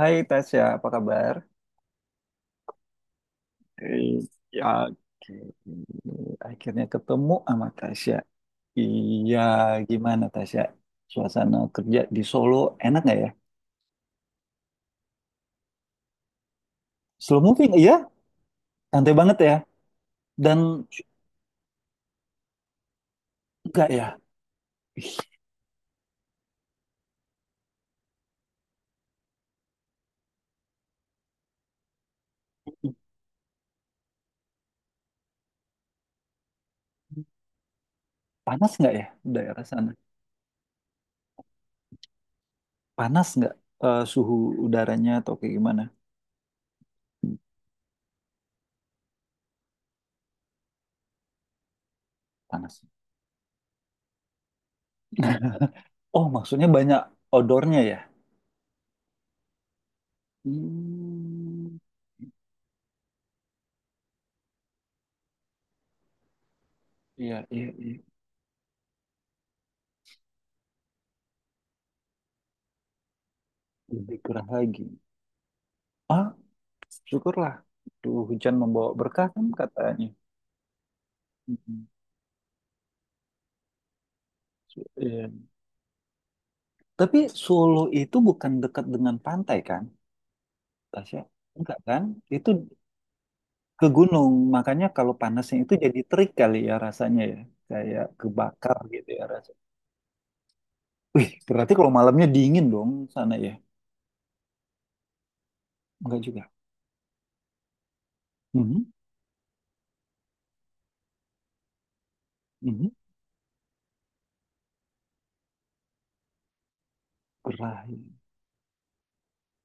Hai Tasya, apa kabar? Eh, Ya, oke. Akhirnya ketemu sama Tasya. Iya, gimana Tasya? Suasana kerja di Solo enak nggak ya? Slow moving, iya? Santai banget ya? Dan enggak ya? Panas nggak ya daerah sana? Panas nggak suhu udaranya atau kayak gimana? Panas. Oh, maksudnya banyak odornya ya? Hmm, iya, iya, iya. Lebih gerah lagi. Ah? Syukurlah. Duh, hujan membawa berkah kan katanya. Mhm. Iya. Tapi Solo itu bukan dekat dengan pantai kan, Tasya? Enggak kan? Itu ke gunung. Makanya kalau panasnya itu jadi terik kali ya rasanya ya. Kayak kebakar gitu ya rasanya. Wih, berarti kalau malamnya dingin dong sana ya? Enggak juga. Mhm, mhm. Gerah.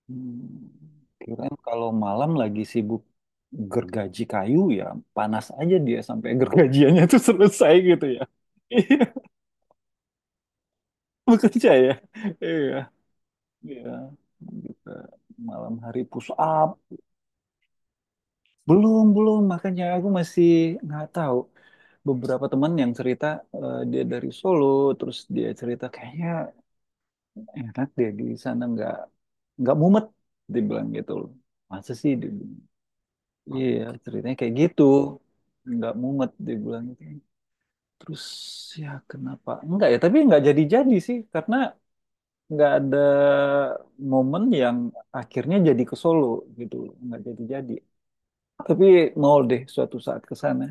Hmm, Kirain kalau malam lagi sibuk gergaji kayu ya panas aja dia sampai gergajiannya tuh selesai gitu ya. Iya, bekerja ya. Iya, iya. Gitu. Malam hari push up. Belum, belum. Makanya aku masih nggak tahu. Beberapa teman yang cerita dia dari Solo, terus dia cerita kayaknya enak dia di sana nggak mumet, dibilang gitu loh. Masa sih? Dia bilang. Iya, ceritanya kayak gitu. Nggak mumet dia bilang gitu. Terus ya kenapa? Enggak ya, tapi nggak jadi-jadi sih. Karena nggak ada momen yang akhirnya jadi ke Solo gitu. Nggak jadi-jadi. Tapi mau deh suatu saat ke sana.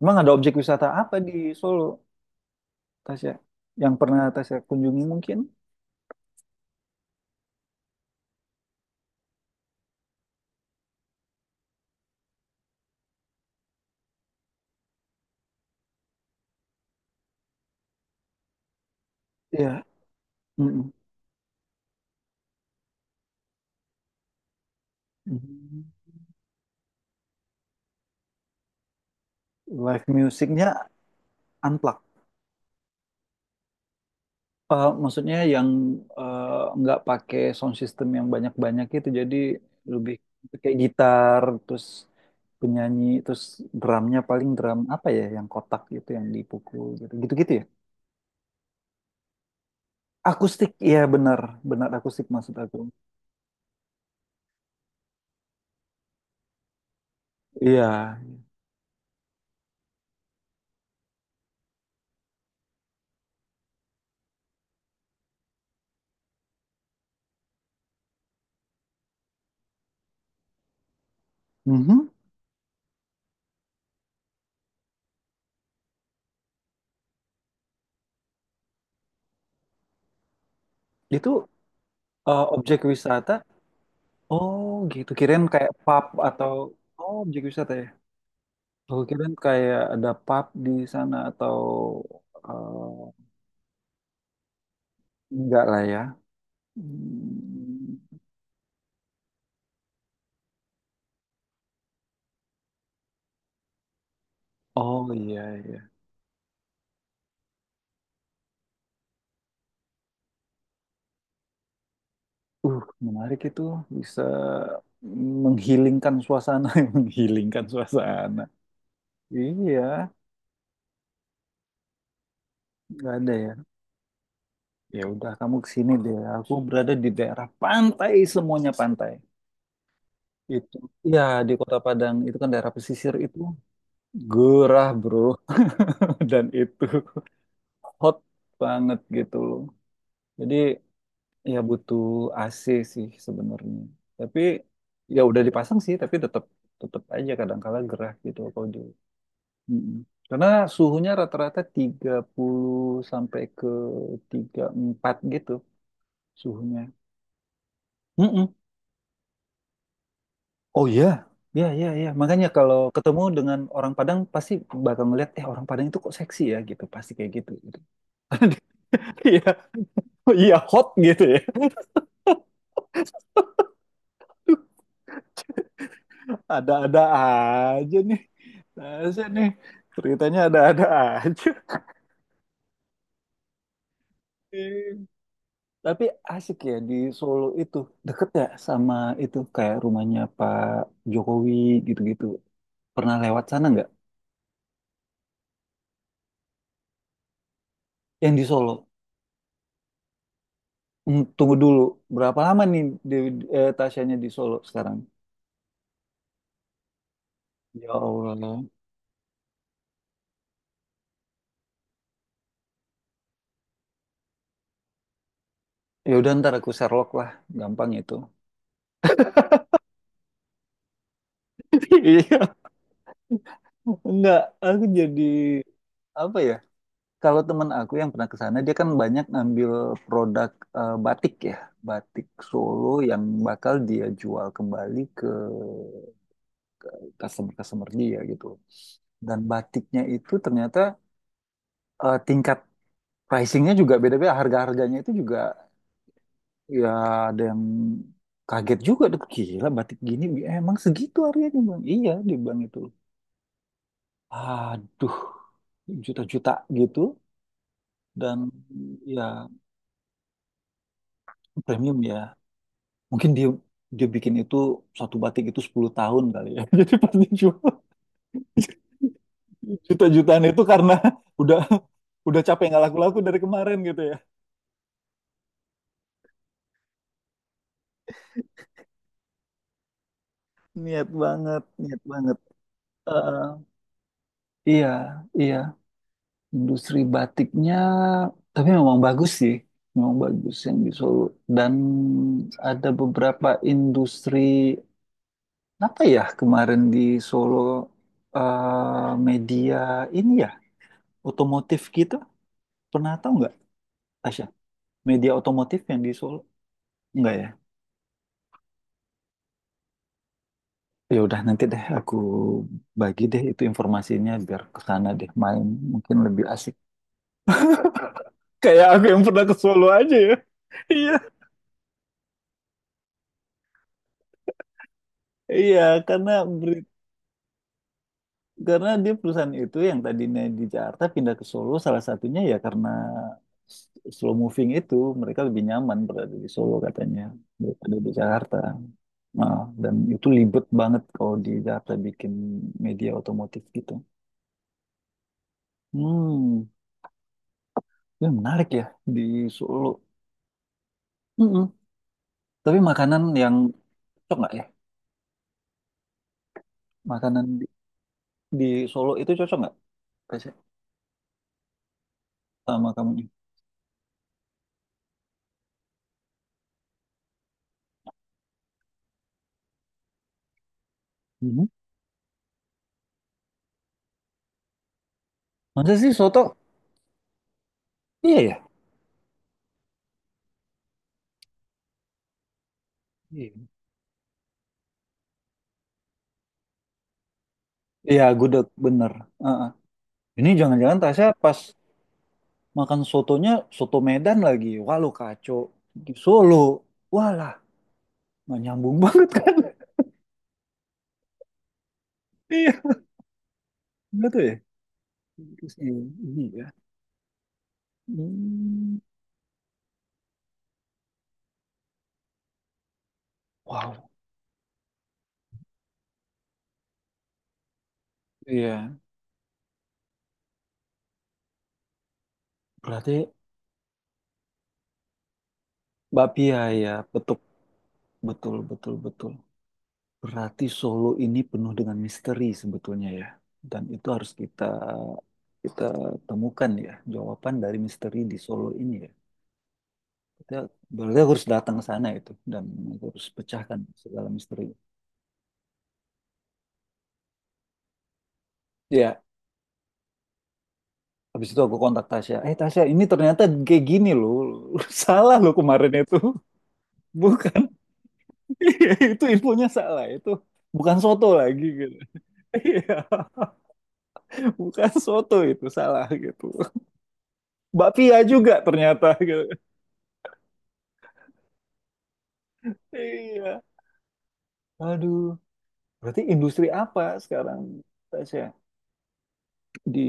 Emang ada objek wisata apa di Solo, Tasya? Yang pernah Tasya kunjungi mungkin? ya. Mm-mm. Mm. Live musicnya unplugged. Maksudnya yang eh, nggak pakai sound system yang banyak-banyak itu jadi lebih kayak gitar terus penyanyi terus drumnya paling drum apa ya yang kotak gitu yang dipukul gitu gitu-gitu ya akustik iya benar benar akustik maksud aku iya. Mhm. Itu objek wisata, oh gitu kirain kayak pub atau, oh objek wisata ya, oh kirain kayak ada pub di sana atau eh, enggak lah ya. Hmm. Oh iya, iya. Uh, menarik itu bisa menghilingkan suasana, menghilingkan suasana. Iya, nggak ada ya. Ya udah kamu kesini deh. Aku berada di daerah pantai, semuanya pantai. Itu. Ya di Kota Padang itu kan daerah pesisir itu gerah, Bro. Dan itu hot banget gitu loh. Jadi ya butuh AC sih sebenarnya. Tapi ya udah dipasang sih, tapi tetap tetap aja kadang kala gerah gitu kalau di. Mm-mm. Karena suhunya rata-rata 30 sampai ke 34 gitu suhunya. Mm-mm. Oh iya. Ya, ya, ya. Makanya kalau ketemu dengan orang Padang pasti bakal ngeliat, eh orang Padang itu kok seksi ya gitu, pasti kayak gitu. Gitu. Iya, oh, iya hot gitu ya. Ada-ada aja nih. Asik nih. Ceritanya ada-ada aja. Tapi asik ya di Solo itu. Deket ya sama itu kayak rumahnya Pak Jokowi gitu-gitu. Pernah lewat sana nggak? Yang di Solo. Tunggu dulu. Berapa lama nih Dewi, Tasyanya di Solo sekarang? Ya Allah. Ya udah ntar aku Sherlock lah. Gampang itu. Iya. Enggak, aku jadi apa ya? Kalau teman aku yang pernah ke sana, dia kan banyak ngambil produk batik ya, batik Solo yang bakal dia jual kembali ke customer-customer dia gitu. Dan batiknya itu ternyata tingkat pricingnya juga beda-beda, harga-harganya itu juga ya ada yang kaget juga. Duh, gila batik gini emang segitu harganya bang? Iya, dia bilang itu. Aduh, juta-juta gitu dan ya premium ya. Mungkin dia dia bikin itu satu batik itu 10 tahun kali ya. Jadi pasti jual juta-jutaan itu karena udah udah capek nggak laku-laku dari kemarin gitu ya. Niat banget, niat banget. Eh, iya, iya. Industri batiknya, tapi memang bagus sih. Memang bagus yang di Solo. Dan ada beberapa industri, apa ya kemarin di Solo, media ini ya, otomotif gitu. Pernah tahu nggak, Tasya? Media otomotif yang di Solo? Enggak ya? Ya udah nanti deh aku bagi deh itu informasinya biar ke sana deh main mungkin lebih asik. Kayak aku yang pernah ke Solo aja ya. Iya. Iya, karena beri- karena dia perusahaan itu yang tadinya di Jakarta pindah ke Solo salah satunya ya karena s- slow moving itu mereka lebih nyaman berada di Solo katanya daripada di Jakarta. Nah, dan itu libet banget kalau di Jakarta bikin media otomotif gitu. Hmm. Ya, menarik ya di Solo. Mm-mm. Tapi makanan yang cocok nggak ya? Makanan di Solo itu cocok nggak? Tasya, sama kamu. Mhm. Masa sih soto? Iya ya? Iya, iya, gudeg bener. Uh-uh. Ini jangan-jangan Tasya pas makan sotonya soto Medan lagi. Wah lu kacau. Di Solo. Walah, nggak nyambung banget kan? Iya, bener tuh ya. Terus ini ya. Hmm. Wow. Iya. Berarti Bapia ya, petuk. Betul, betul, betul. Berarti Solo ini penuh dengan misteri sebetulnya ya. Dan itu harus kita kita temukan ya jawaban dari misteri di Solo ini ya. Kita berarti aku harus datang ke sana itu dan aku harus pecahkan segala misteri. Ya, habis itu aku kontak Tasya. Eh Tasya, ini ternyata kayak gini loh. Salah loh kemarin itu. Bukan. Iya, itu infonya salah. Itu bukan soto lagi gitu. Iya, bukan soto itu salah gitu. Mbak Pia juga ternyata gitu. Iya. Aduh, berarti industri apa sekarang Tasya? Di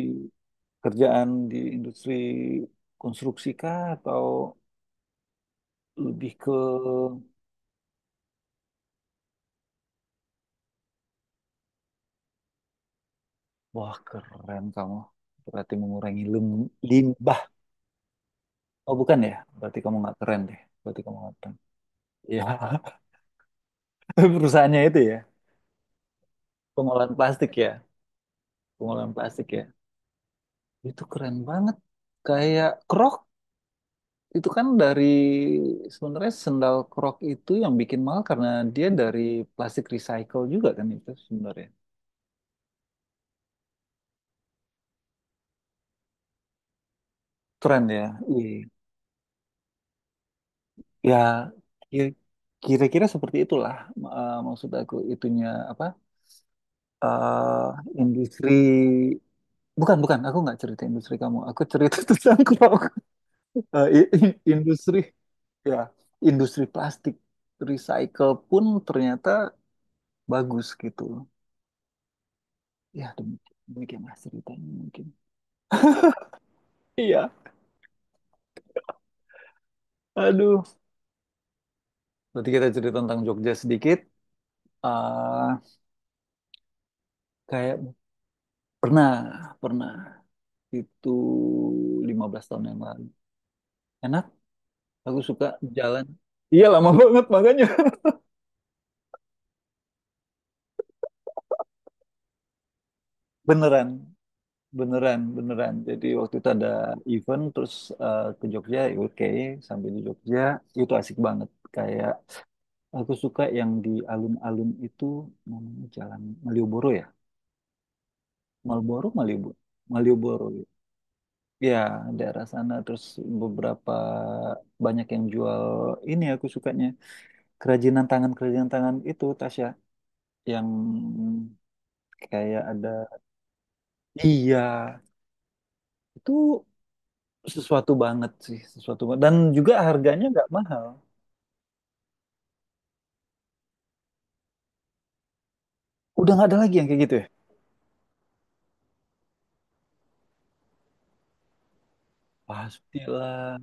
kerjaan di industri konstruksi kah atau lebih ke wah keren kamu. Berarti mengurangi limbah. Oh bukan ya? Berarti kamu nggak keren deh. Berarti kamu nggak keren. Iya, perusahaannya itu ya. Pengolahan plastik ya. Pengolahan plastik ya. Itu keren banget. Kayak Krok, itu kan dari sebenarnya sendal krok itu yang bikin mahal karena dia dari plastik recycle juga kan itu sebenarnya. Keren ya. Iya. Ya ki- kira-kira seperti itulah maksud aku itunya apa? eh industri, bukan bukan aku nggak cerita industri kamu. Aku cerita tentang krok. Industri ya industri plastik recycle pun ternyata bagus gitu. Ya demikian, demikianlah ceritanya mungkin. Iya. Aduh, berarti kita cerita tentang Jogja sedikit. Ah, kayak pernah, pernah itu 15 tahun yang lalu. Enak, aku suka jalan. Iya, lama banget makanya. Beneran, beneran, beneran. Jadi waktu itu ada event, terus ke Jogja, ya oke. Sampai di Jogja, itu asik banget. Kayak aku suka yang di alun-alun itu namanya Jalan Malioboro ya? Malboro, Malioboro. Malioboro. Ya. Ya, daerah sana terus beberapa banyak yang jual ini aku sukanya kerajinan tangan itu Tasya yang kayak ada iya itu sesuatu banget sih sesuatu banget. Dan juga harganya nggak mahal udah nggak ada lagi yang kayak gitu ya pastilah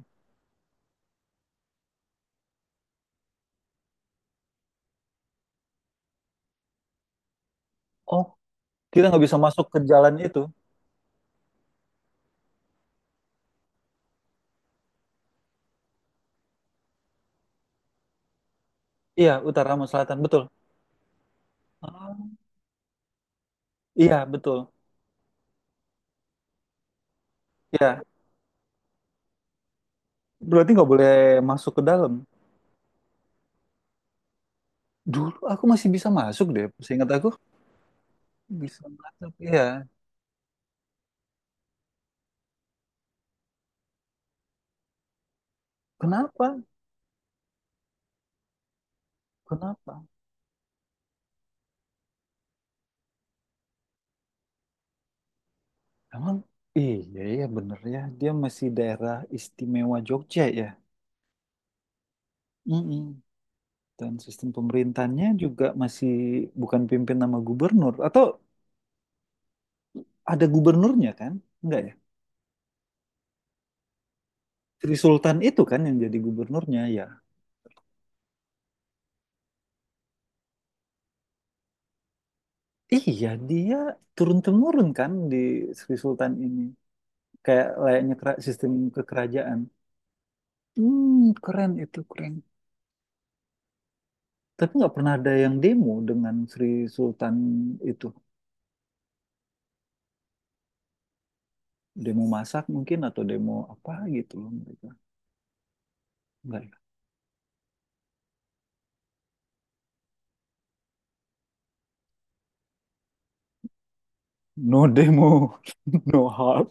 oh kita nggak bisa masuk ke jalan itu iya utara sama selatan betul. Ah, iya betul ya berarti nggak boleh masuk ke dalam dulu aku masih bisa masuk deh seingat aku bisa masuk ya kenapa kenapa emang iya iya bener ya dia masih daerah istimewa Jogja ya. Mm-mm. Dan sistem pemerintahannya juga masih bukan pimpin nama gubernur atau ada gubernurnya kan enggak ya Sri Sultan itu kan yang jadi gubernurnya ya iya dia turun temurun kan di Sri Sultan ini kayak layaknya sistem kekerajaan hmm keren itu keren. Tapi nggak pernah ada yang demo dengan Sri Sultan itu. Demo masak mungkin atau demo apa gitu loh mereka. Nggak ya? No demo, no harm.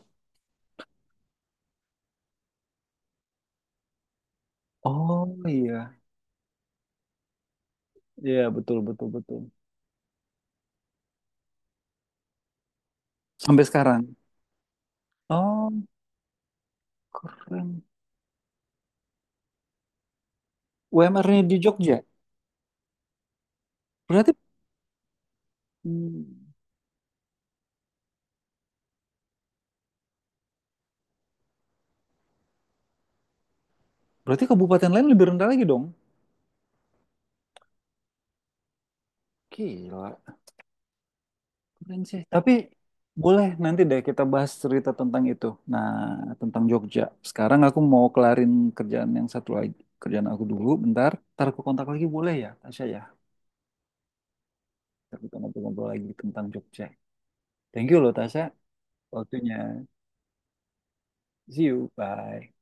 Oh iya, iya betul betul betul. Sampai sekarang. Oh keren. UMR-nya di Jogja. Berarti hmm, berarti kabupaten lain lebih rendah lagi dong. Gila. Keren sih. Tapi boleh nanti deh kita bahas cerita tentang itu. Nah, tentang Jogja. Sekarang aku mau kelarin kerjaan yang satu lagi. Kerjaan aku dulu, bentar. Ntar aku kontak lagi boleh ya, Tasya ya? Ntar kita ngobrol-ngobrol lagi tentang Jogja. Thank you loh, Tasya. Waktunya. See you. Bye.